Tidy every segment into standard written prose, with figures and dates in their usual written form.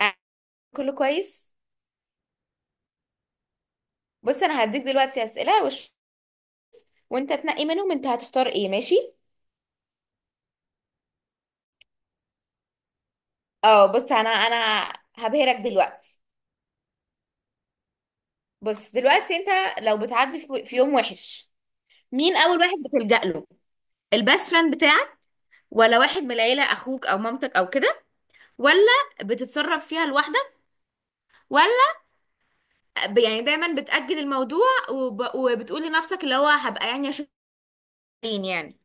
آه، كله كويس. بص، انا هديك دلوقتي اسئله وانت تنقي منهم انت هتختار ايه؟ ماشي. اه، بص انا هبهرك دلوقتي. بص دلوقتي انت لو بتعدي في يوم وحش، مين اول واحد بتلجأ له؟ البيست فريند بتاعك؟ ولا واحد من العيله، اخوك او مامتك او كده؟ ولا بتتصرف فيها لوحدك؟ ولا يعني دايما بتأجل الموضوع وبتقول لنفسك اللي هو هبقى يعني اشوف مين يعني؟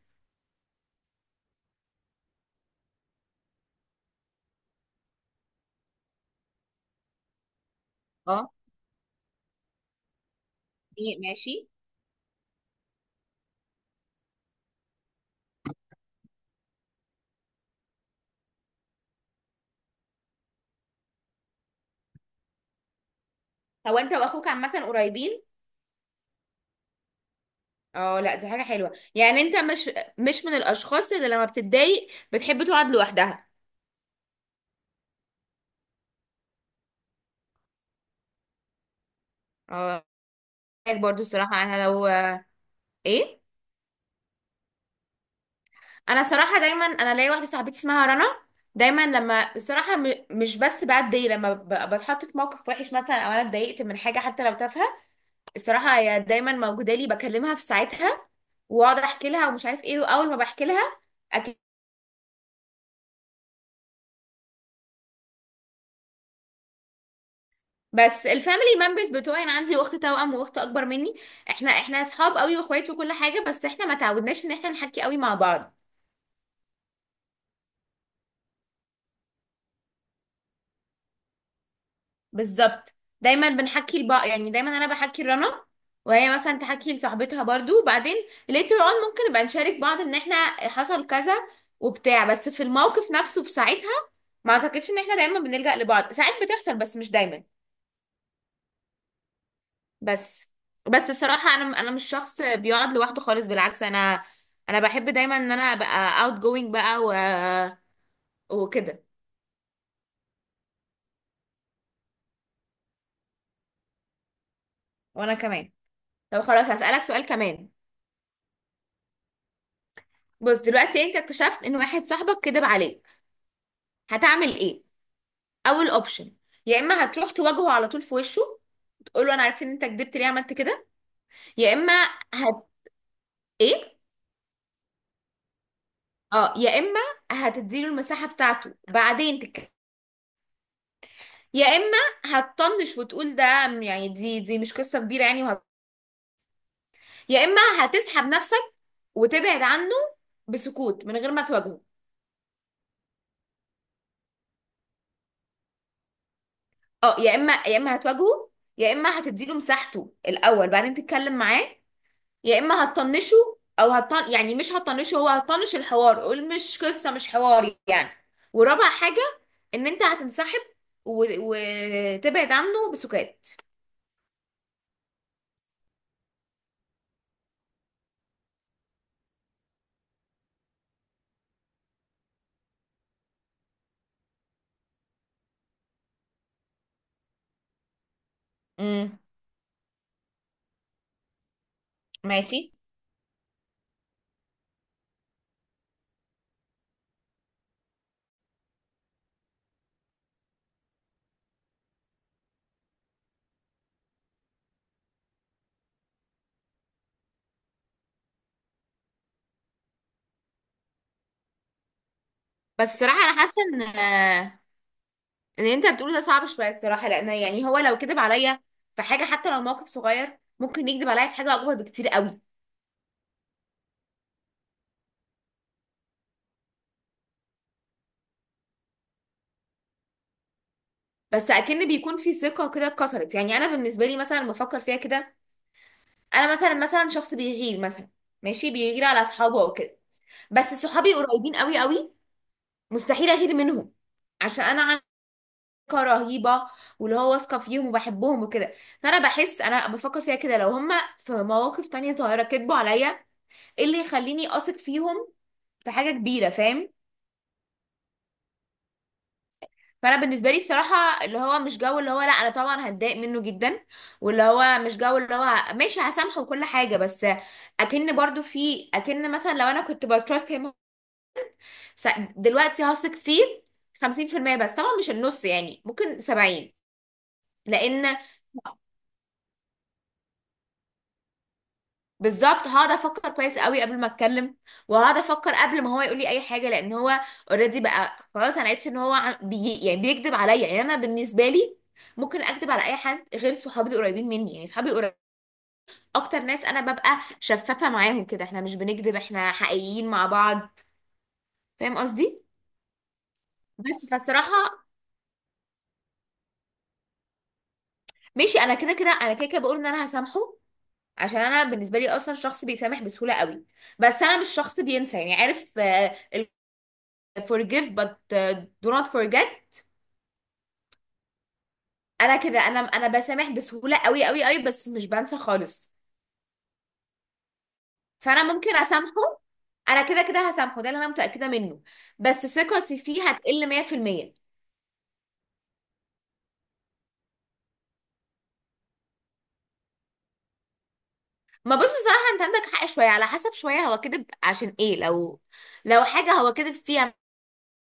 اه، إيه، ماشي. هو انت واخوك عامه قريبين؟ اه، لا دي حاجة حلوة. يعني انت مش من الاشخاص اللي لما بتتضايق بتحب تقعد لوحدها؟ اه، رأيك برضو. الصراحة انا لو ايه. انا صراحة دايما انا ليا واحدة صاحبتي اسمها رنا. دايما لما الصراحة مش بس بتضايق، لما بتحط في موقف وحش مثلا، او انا اتضايقت من حاجة حتى لو تافهة، الصراحة هي دايما موجودة لي، بكلمها في ساعتها واقعد احكي لها ومش عارف ايه. واول ما بحكي لها، بس الفاميلي ممبرز بتوعي انا عندي اخت توأم واخت اكبر مني. احنا اصحاب قوي واخوات وكل حاجه، بس احنا ما تعودناش ان احنا نحكي قوي مع بعض. بالظبط، دايما بنحكي لبعض، يعني دايما انا بحكي لرنا، وهي مثلا تحكي لصاحبتها برضو. وبعدين later on ممكن نبقى نشارك بعض ان احنا حصل كذا وبتاع، بس في الموقف نفسه في ساعتها ما اعتقدش ان احنا دايما بنلجأ لبعض، ساعات بتحصل بس مش دايما. بس بس الصراحة انا مش شخص بيقعد لوحده خالص، بالعكس انا بحب دايما ان انا ابقى اوت جوينج بقى وكده. وانا كمان. طب خلاص، هسألك سؤال كمان. بص دلوقتي انت اكتشفت ان واحد صاحبك كدب عليك، هتعمل ايه؟ اول اوبشن: يا اما هتروح تواجهه على طول في وشه، تقول له انا عرفت ان انت كدبت، ليه عملت كده؟ يا اما هت ايه. اه، يا اما هتديله المساحة بتاعته بعدين تتكلم. يا اما هتطنش وتقول ده يعني دي مش قصة كبيرة يعني. يا اما هتسحب نفسك وتبعد عنه بسكوت من غير ما تواجهه. اه، يا اما هتواجهه، يا اما هتديله مساحته الاول بعدين تتكلم معاه، يا اما هتطنشه، او هتطن يعني مش هتطنشه هو، هتطنش الحوار. قول مش قصه، مش حوار يعني. ورابع حاجه ان انت هتنسحب وتبعد عنه بسكات. امم، ماشي. بس صراحه انا حاسه ان اللي انت بتقوله ده صعب شويه الصراحه، لان يعني هو لو كذب عليا في حاجه حتى لو موقف صغير، ممكن يكذب عليا في حاجه اكبر بكتير قوي. بس اكن بيكون في ثقه كده اتكسرت. يعني انا بالنسبه لي مثلا لما افكر فيها كده، انا مثلا شخص بيغير مثلا، ماشي، بيغير على اصحابه او كده. بس صحابي قريبين قوي قوي، مستحيل اغير منهم، عشان انا علاقه رهيبه واللي هو واثقه فيهم وبحبهم وكده. فانا بحس انا بفكر فيها كده، لو هم في مواقف تانية صغيره كذبوا عليا، ايه اللي يخليني اثق فيهم في حاجه كبيره؟ فاهم؟ فانا بالنسبه لي الصراحه اللي هو مش جو، اللي هو لا انا طبعا هتضايق منه جدا، واللي هو مش جو، اللي هو ماشي هسامحه وكل حاجه. بس اكن برضو في، اكن مثلا لو انا كنت بتراست هيم، س- دلوقتي هثق فيه 50%، بس طبعا مش النص، يعني ممكن 70، لان، بالظبط، هقعد افكر كويس قوي قبل ما اتكلم، وهقعد افكر قبل ما هو يقول لي اي حاجه، لان هو اوريدي بقى. خلاص انا عرفت ان هو بي يعني بيكذب عليا. يعني انا بالنسبه لي ممكن اكذب على اي حد غير صحابي القريبين مني، يعني صحابي اكتر ناس انا ببقى شفافة معاهم كده، احنا مش بنكذب، احنا حقيقيين مع بعض. فاهم قصدي؟ بس فالصراحة ماشي. انا كده كده بقول ان انا هسامحه، عشان انا بالنسبة لي اصلا شخص بيسامح بسهولة قوي. بس انا مش شخص بينسى. يعني عارف، ال forgive but do not forget. انا كده، انا بسامح بسهولة قوي قوي قوي، بس مش بنسى خالص. فانا ممكن اسامحه. انا كده كده هسامحه، ده اللي انا متأكدة منه. بس ثقتي فيه هتقل 100%. ما بص، بصراحة انت عندك حق شوية، على حسب. شوية هو كذب عشان ايه؟ لو حاجة هو كذب فيها.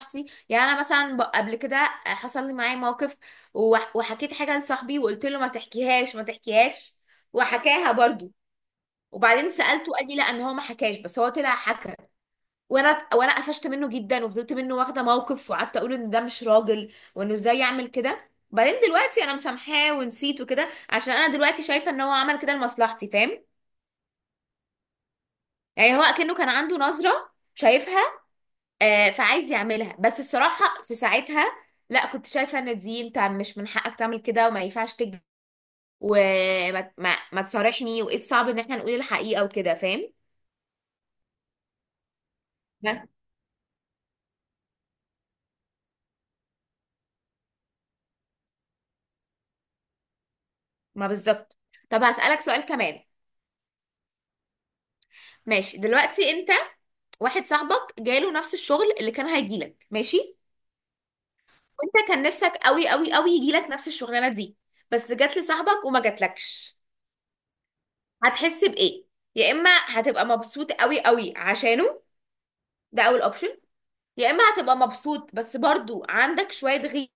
نفسي، يعني انا مثلا قبل كده حصل لي معايا موقف، وحكيت حاجة لصاحبي وقلت له ما تحكيهاش ما تحكيهاش، وحكاها برضو. وبعدين سألته قال لي لا ان هو ما حكاش، بس هو طلع حكى. وانا قفشت منه جدا وفضلت منه واخدة موقف، وقعدت اقول ان ده مش راجل وانه ازاي يعمل كده. بعدين دلوقتي انا مسامحاه ونسيت وكده، عشان انا دلوقتي شايفة ان هو عمل كده لمصلحتي. فاهم؟ يعني هو كأنه كان عنده نظرة شايفها فعايز يعملها، بس الصراحة في ساعتها لا، كنت شايفة ان دي انت مش من حقك تعمل كده وما ينفعش تكذب وما ما, ما تصارحني. وايه الصعب ان احنا نقول الحقيقة وكده؟ فاهم؟ بس ما بالظبط. طب هسألك سؤال كمان. ماشي، دلوقتي انت واحد صاحبك جاله نفس الشغل اللي كان هيجيلك، ماشي. وانت كان نفسك قوي قوي قوي يجيلك نفس الشغلانة دي، بس جات لصاحبك وما جاتلكش، هتحس بايه؟ يا اما هتبقى مبسوط قوي قوي عشانه، ده اول اوبشن. يا اما هتبقى مبسوط بس برضو عندك شويه غي.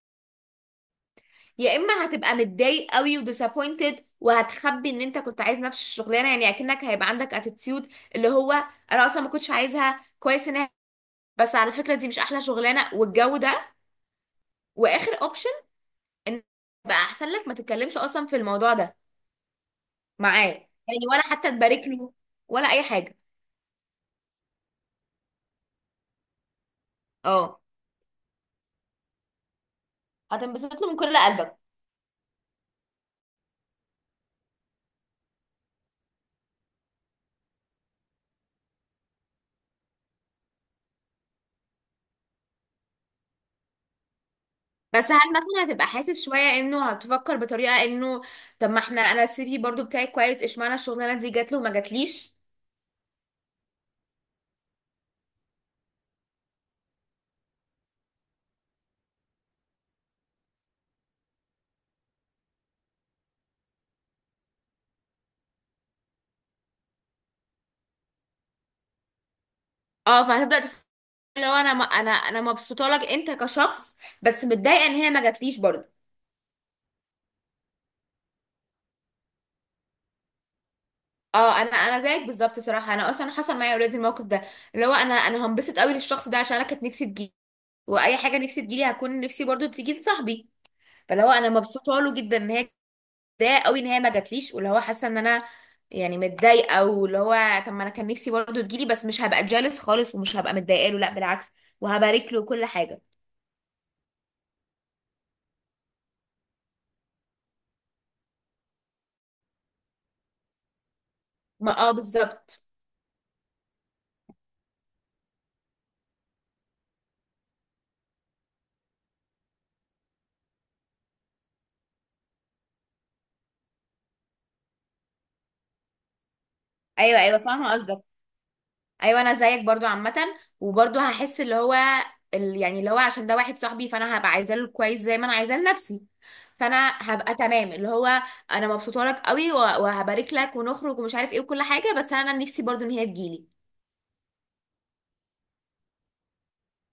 يا اما هتبقى متضايق قوي وديسابوينتد، وهتخبي ان انت كنت عايز نفس الشغلانه، يعني اكنك هيبقى عندك اتيتيود اللي هو انا اصلا ما كنتش عايزها، كويس انها. بس على فكره دي مش احلى شغلانه والجو ده. واخر اوبشن ان بقى احسن لك ما تتكلمش اصلا في الموضوع ده معاه. يعني ولا حتى تبارك له، ولا اي حاجه. اه، هتنبسط له من كل قلبك؟ بس هل مثلا هتبقى حاسس شوية، انه هتفكر بطريقة انه طب ما احنا، انا السيتي برضو بتاعي كويس، اشمعنى الشغلانة دي جات له وما جاتليش؟ اه، فهتبدأ تفكر لو انا انا مبسوطة لك انت كشخص، بس متضايقة ان هي ما جاتليش برضو. اه، انا زيك بالظبط صراحة. انا اصلا حصل معايا اوريدي الموقف ده، اللي هو انا هنبسط قوي للشخص ده عشان انا كانت نفسي تجيلي، واي حاجة نفسي تجيلي هكون نفسي برضو تيجي لصاحبي. فاللي هو انا مبسوطة له جدا ان هي، متضايقه قوي ان هي ما جاتليش، واللي هو حاسه ان انا يعني متضايقه، واللي هو طب ما انا كان نفسي برضه تجيلي. بس مش هبقى جالس خالص، ومش هبقى متضايقه له، لا بالعكس، وهبارك له كل حاجه. ما اه بالظبط. ايوه ايوه، فاهمه قصدك. ايوه انا زيك برضو عامه، وبرضه هحس اللي هو يعني اللي هو عشان ده واحد صاحبي، فانا هبقى عايزاه له كويس زي ما انا عايزاه لنفسي. فانا هبقى تمام، اللي هو انا مبسوطه لك قوي وهبارك لك ونخرج ومش عارف ايه وكل حاجه، بس انا نفسي برضو ان هي تجيلي